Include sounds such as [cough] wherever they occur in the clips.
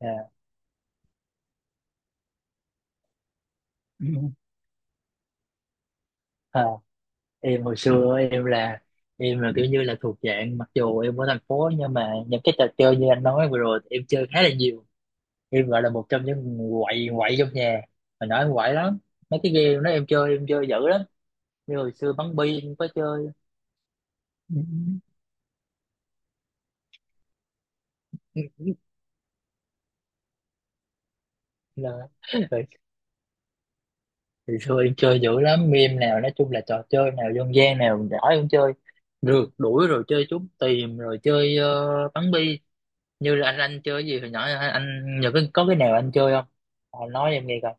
Dạ. [laughs] À, ờ, em hồi xưa em là kiểu như là thuộc dạng, mặc dù em ở thành phố nhưng mà những cái trò chơi như anh nói vừa rồi thì em chơi khá là nhiều. Em gọi là một trong những người quậy quậy trong nhà, mà nói em quậy lắm. Mấy cái game đó em chơi dữ lắm. Như hồi xưa bắn bi em có chơi. [laughs] Là hồi hồi xưa em chơi dữ lắm, game nào nói chung là trò chơi nào dân gian nào giỏi em chơi. Rượt đuổi rồi chơi trốn tìm rồi chơi bắn bi. Như là anh chơi gì hồi nhỏ anh nhớ cái, có cái nào anh chơi không? À, nói em nghe coi.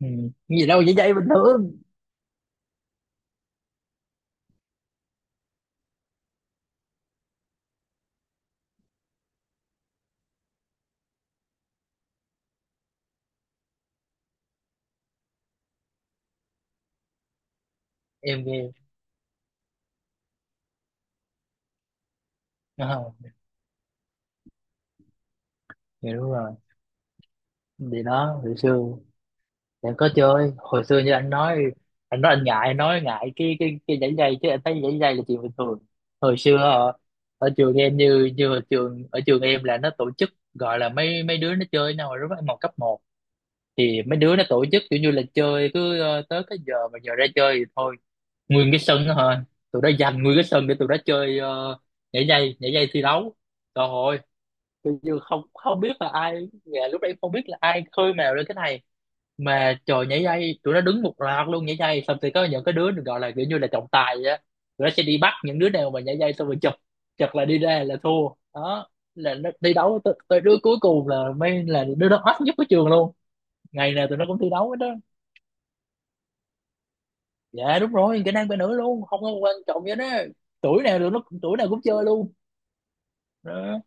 Ừ. Cái gì đâu chỉ vậy bình thường. Em nghe. À, thì đúng rồi. Thì đó hồi xưa em có chơi hồi xưa như anh nói. Anh nói anh ngại, anh nói ngại cái dãy dây chứ anh thấy dãy dây là chuyện bình thường. Hồi xưa ở trường em, như như ở trường em là nó tổ chức, gọi là mấy mấy đứa nó chơi với nhau rồi đó, mà cấp một thì mấy đứa nó tổ chức kiểu như là chơi cứ tới cái giờ mà giờ ra chơi thì thôi, nguyên cái sân đó thôi. Tụi nó dành nguyên cái sân để tụi nó chơi, nhảy dây, nhảy dây thi đấu. Trời ơi, tôi chưa không không biết là ai, dạ, lúc đấy không biết là ai khơi mào lên cái này, mà trời, nhảy dây tụi nó đứng một loạt luôn. Nhảy dây xong thì có những cái đứa được gọi là kiểu như là trọng tài vậy á. Tụi nó sẽ đi bắt những đứa nào mà nhảy dây xong rồi chụp, chụp là đi ra là thua. Đó, là nó thi đấu tới đứa cuối cùng là mới là đứa đó hot nhất của trường luôn. Ngày nào tụi nó cũng thi đấu hết đó. Dạ đúng rồi, kỹ năng bên nữ luôn không có quan trọng vậy đó. Tuổi nào được nó tuổi nào cũng chơi luôn. Đó,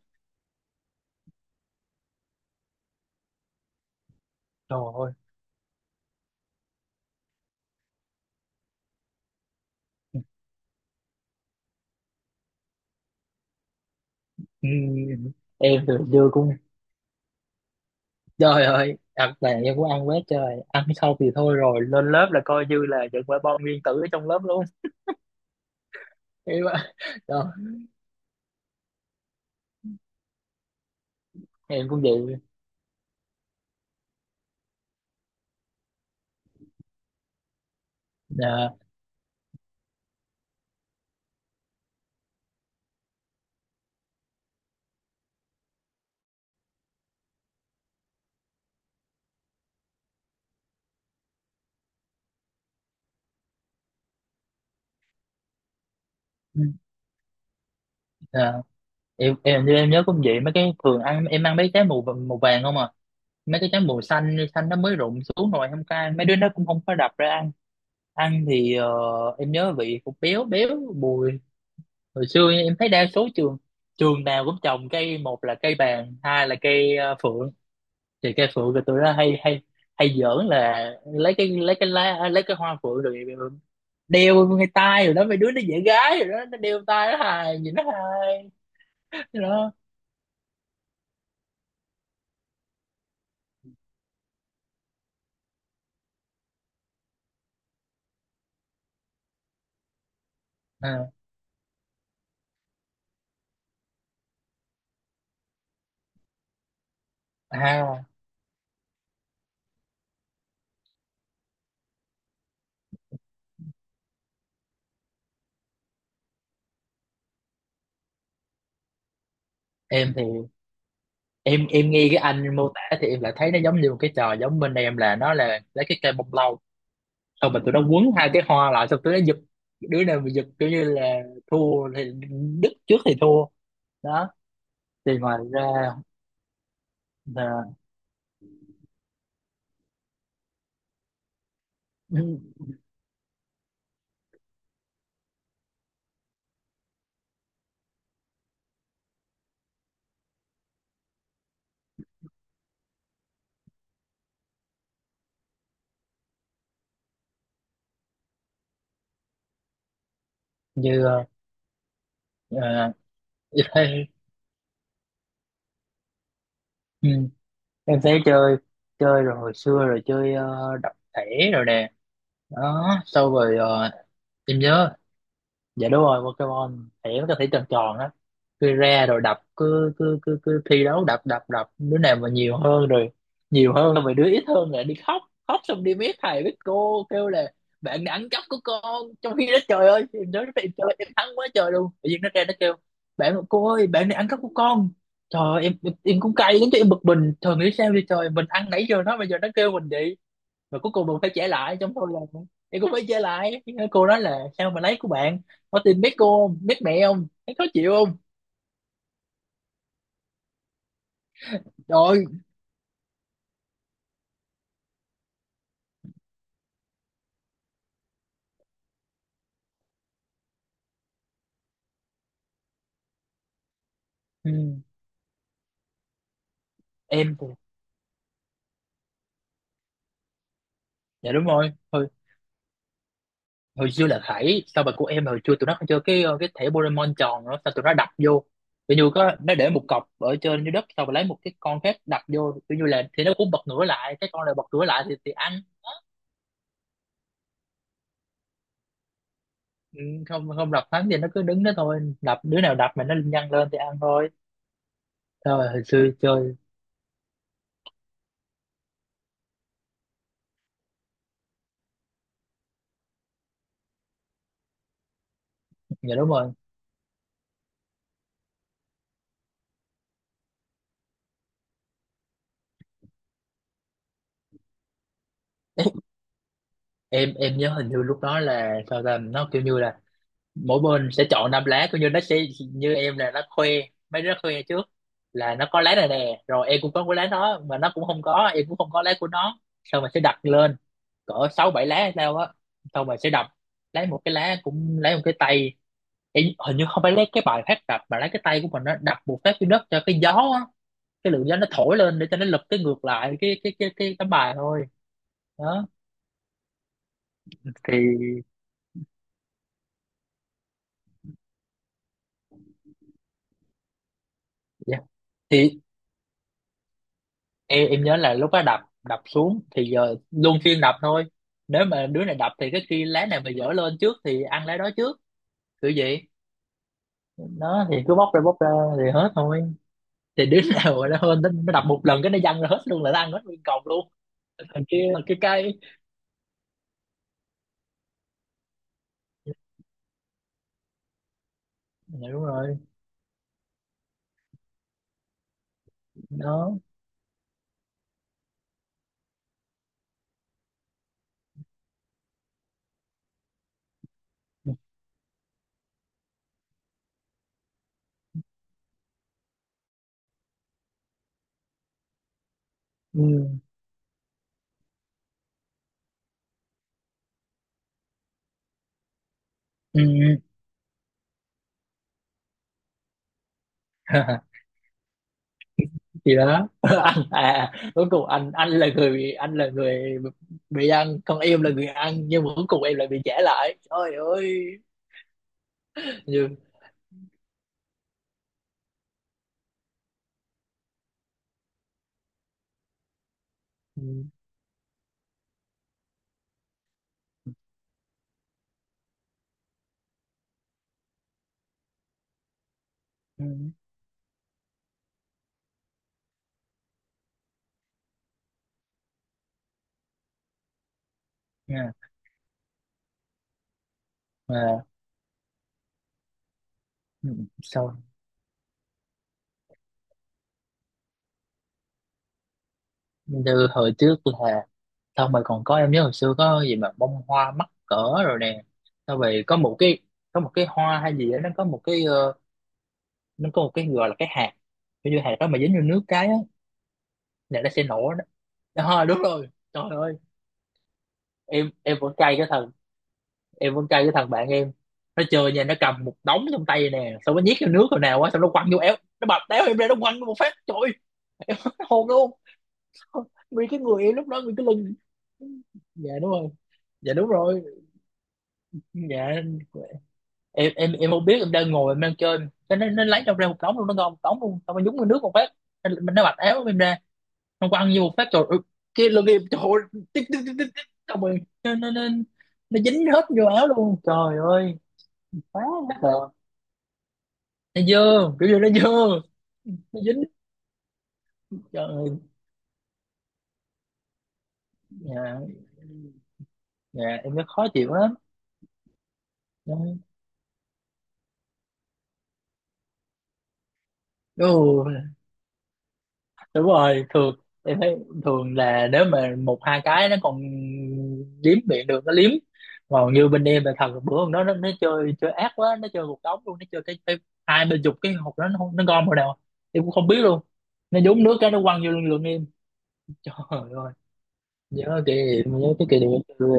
trời ơi. [laughs] Ừ, em từ xưa cũng, trời ơi thật là em cũng ăn quá trời. Ăn xong thì thôi rồi, lên lớp là coi như là những quả bom nguyên tử ở trong lớp luôn em ạ. Đó, em cũng vậy. Dạ. Dạ. Em như em nhớ cũng vậy, mấy cái thường ăn em ăn mấy trái màu màu vàng không à. Mấy cái trái màu xanh xanh nó mới rụng xuống rồi không có mấy đứa nó cũng không có đập ra ăn. Ăn thì em nhớ vị cũng béo béo bùi. Hồi xưa em thấy đa số trường, trường nào cũng trồng cây, một là cây bàng hai là cây phượng. Thì cây phượng rồi tụi nó hay hay hay giỡn là lấy cái lá, lấy cái hoa phượng rồi đeo ngay tay rồi đó. Mấy đứa nó dễ gái rồi đó, nó đeo tay nó hài, nhìn nó hài. Đó. à, à, em thì em nghe cái anh mô tả thì em lại thấy nó giống như một cái trò giống bên em là nó là lấy cái cây bông lau. Thôi mà tụi nó quấn hai cái hoa lại xong tụi nó giật, đứa nào mà giật kiểu như là thua thì, đứt trước thì thua. Đó, thì ngoài ra là như [laughs] em. ừ, em thấy chơi, chơi rồi hồi xưa rồi chơi đập thẻ rồi nè. Đó sau rồi em nhớ, dạ đúng rồi Pokemon, thẻ nó có thể tròn tròn đó. Cứ ra rồi đập cứ cứ cứ cứ thi đấu đập đập đập, đứa nào mà nhiều hơn rồi, nhiều hơn rồi đứa ít hơn lại đi khóc. Khóc xong đi mét thầy với cô, kêu là bạn đã ăn cắp của con, trong khi đó trời ơi em nói em chơi em thắng quá trời luôn, tự nhiên nó ra nó kêu: bạn cô ơi bạn này ăn cắp của con. Trời ơi, em cũng cay lắm chứ, em bực mình, trời nghĩ sao vậy trời, mình ăn nãy giờ nó, bây giờ nó kêu mình vậy. Và cuối cùng mình phải trả lại trong thôi là, thì cô phải trả lại. Cái cô nói là sao mà lấy của bạn, có tin biết cô, không biết mẹ, không thấy khó chịu không. Rồi. Ừ. em thì- dạ đúng rồi, hồi xưa là khải sao mà của em hồi xưa, tụi nó còn chơi cái thẻ Pokemon tròn nữa. Sao tụi nó đập vô tự như có, nó để một cọc ở trên dưới đất, sau rồi lấy một cái con khác đập vô, tự như là thì nó cũng bật ngửa lại, cái con này bật ngửa lại thì ăn. Ừ, không không đập thắng thì nó cứ đứng đó thôi, đập đứa nào đập mà nó nhăn lên thì ăn thôi. Rồi hồi xưa chơi. Dạ đúng rồi, em nhớ hình như lúc đó là sao ta, nó kiểu như là mỗi bên sẽ chọn năm lá, kiểu như nó sẽ, như em là nó khoe, mấy đứa khoe trước là nó có lá này nè, rồi em cũng có cái lá đó mà nó cũng không có, em cũng không có lá của nó. Xong mà sẽ đặt lên cỡ sáu bảy lá hay sao á. Xong mà sẽ đập lấy một cái lá, cũng lấy một cái tay. Em hình như không phải lấy cái bài phát đập mà lấy cái tay của mình nó đập một phát trên đất cho cái gió á, cái lượng gió nó thổi lên để cho nó lật cái ngược lại cái tấm bài thôi. Đó. Thì. Dạ. Thì em nhớ là lúc đó đập, đập xuống thì giờ luân phiên đập thôi. Nếu mà đứa này đập thì cái kia lá này mà dở lên trước thì ăn lá đó trước, kiểu vậy. Nó thì cứ bóc ra thì hết thôi. Thì đứa [laughs] nào mà nó hơn, nó đập một lần cái nó văng ra hết luôn, là nó ăn hết nguyên cọng luôn. Thằng kia là cái cây. Dạ, đúng rồi. Đó. Ừ. Ừ. [laughs] Thì đó, [laughs] anh, cuối cùng anh là người bị, anh là người bị ăn còn em là người ăn, nhưng mà cuối cùng em lại bị trả lại, trời ơi. Nhưng. Ừ. Ừ, nha mà ừ, sau như hồi trước là, xong rồi còn có em nhớ hồi xưa có gì mà bông hoa mắc cỡ rồi nè. Xong rồi có một cái hoa hay gì đó, nó có một cái gọi là cái hạt. Kiểu như hạt đó mà dính vô nước cái á là nó sẽ nổ đó. Đó, đúng rồi trời ơi. Em vẫn cay cái thằng, em vẫn cay cái thằng bạn em. Nó chơi nha, nó cầm một đống trong tay nè, xong nó nhét vô nước rồi nào quá, xong nó quăng vô éo nó bập đéo em ra, nó quăng vô một phát trời ơi, [laughs] hồn luôn. [laughs] Vì cái người em lúc đó vì cái lưng. Dạ đúng rồi. Dạ đúng rồi. Dạ, em không biết, em đang ngồi em đang chơi cái nó lấy trong ra một đống luôn, nó ngon đống luôn xong rồi nhúng vào nước một phát. Mình nó bạch áo của em ra, nó quăng ăn vô một phát rồi cái lưng em trời ơi, tích tích tích tích tích, xong rồi nó dính hết vô áo luôn, trời ơi. Quá mắc cỡ, nó dơ kiểu như nó dơ, nó dính, trời ơi. Dạ. Dạ em, nó khó chịu lắm. Ừ đúng rồi, thường em thấy thường là nếu mà một hai cái nó còn liếm miệng được nó liếm. Còn như bên em là thật là bữa hôm đó nó chơi chơi ác quá, nó chơi một đống luôn, nó chơi cái hai bên chục cái hộp đó, nó không- nó gom vào đâu em cũng không biết luôn, nó nhúng nước cái nó quăng vô lưng lưng em. [laughs] Trời ơi, nhớ cái kỷ niệm xưa.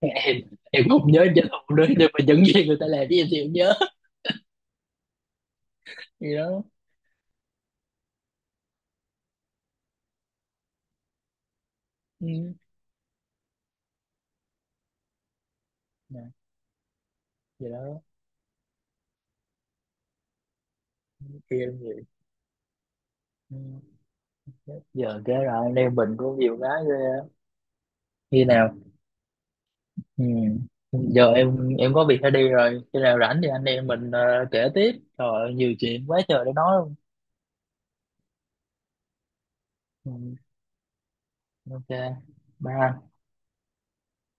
[laughs] em em không nhớ trên hộp nữa, nhưng mà những gì người ta làm với em thì em nhớ. [laughs] Gì đó. Ừ. Nè, gì đó, kia em gì. Ừ. Giờ cái rồi anh em mình cũng nhiều cái ghê. Khi nào. Ừ. Giờ em có việc phải đi rồi, khi nào rảnh thì anh em mình kể tiếp. Trời ơi, nhiều chuyện quá trời để nói luôn. Ừ. Ok, bye.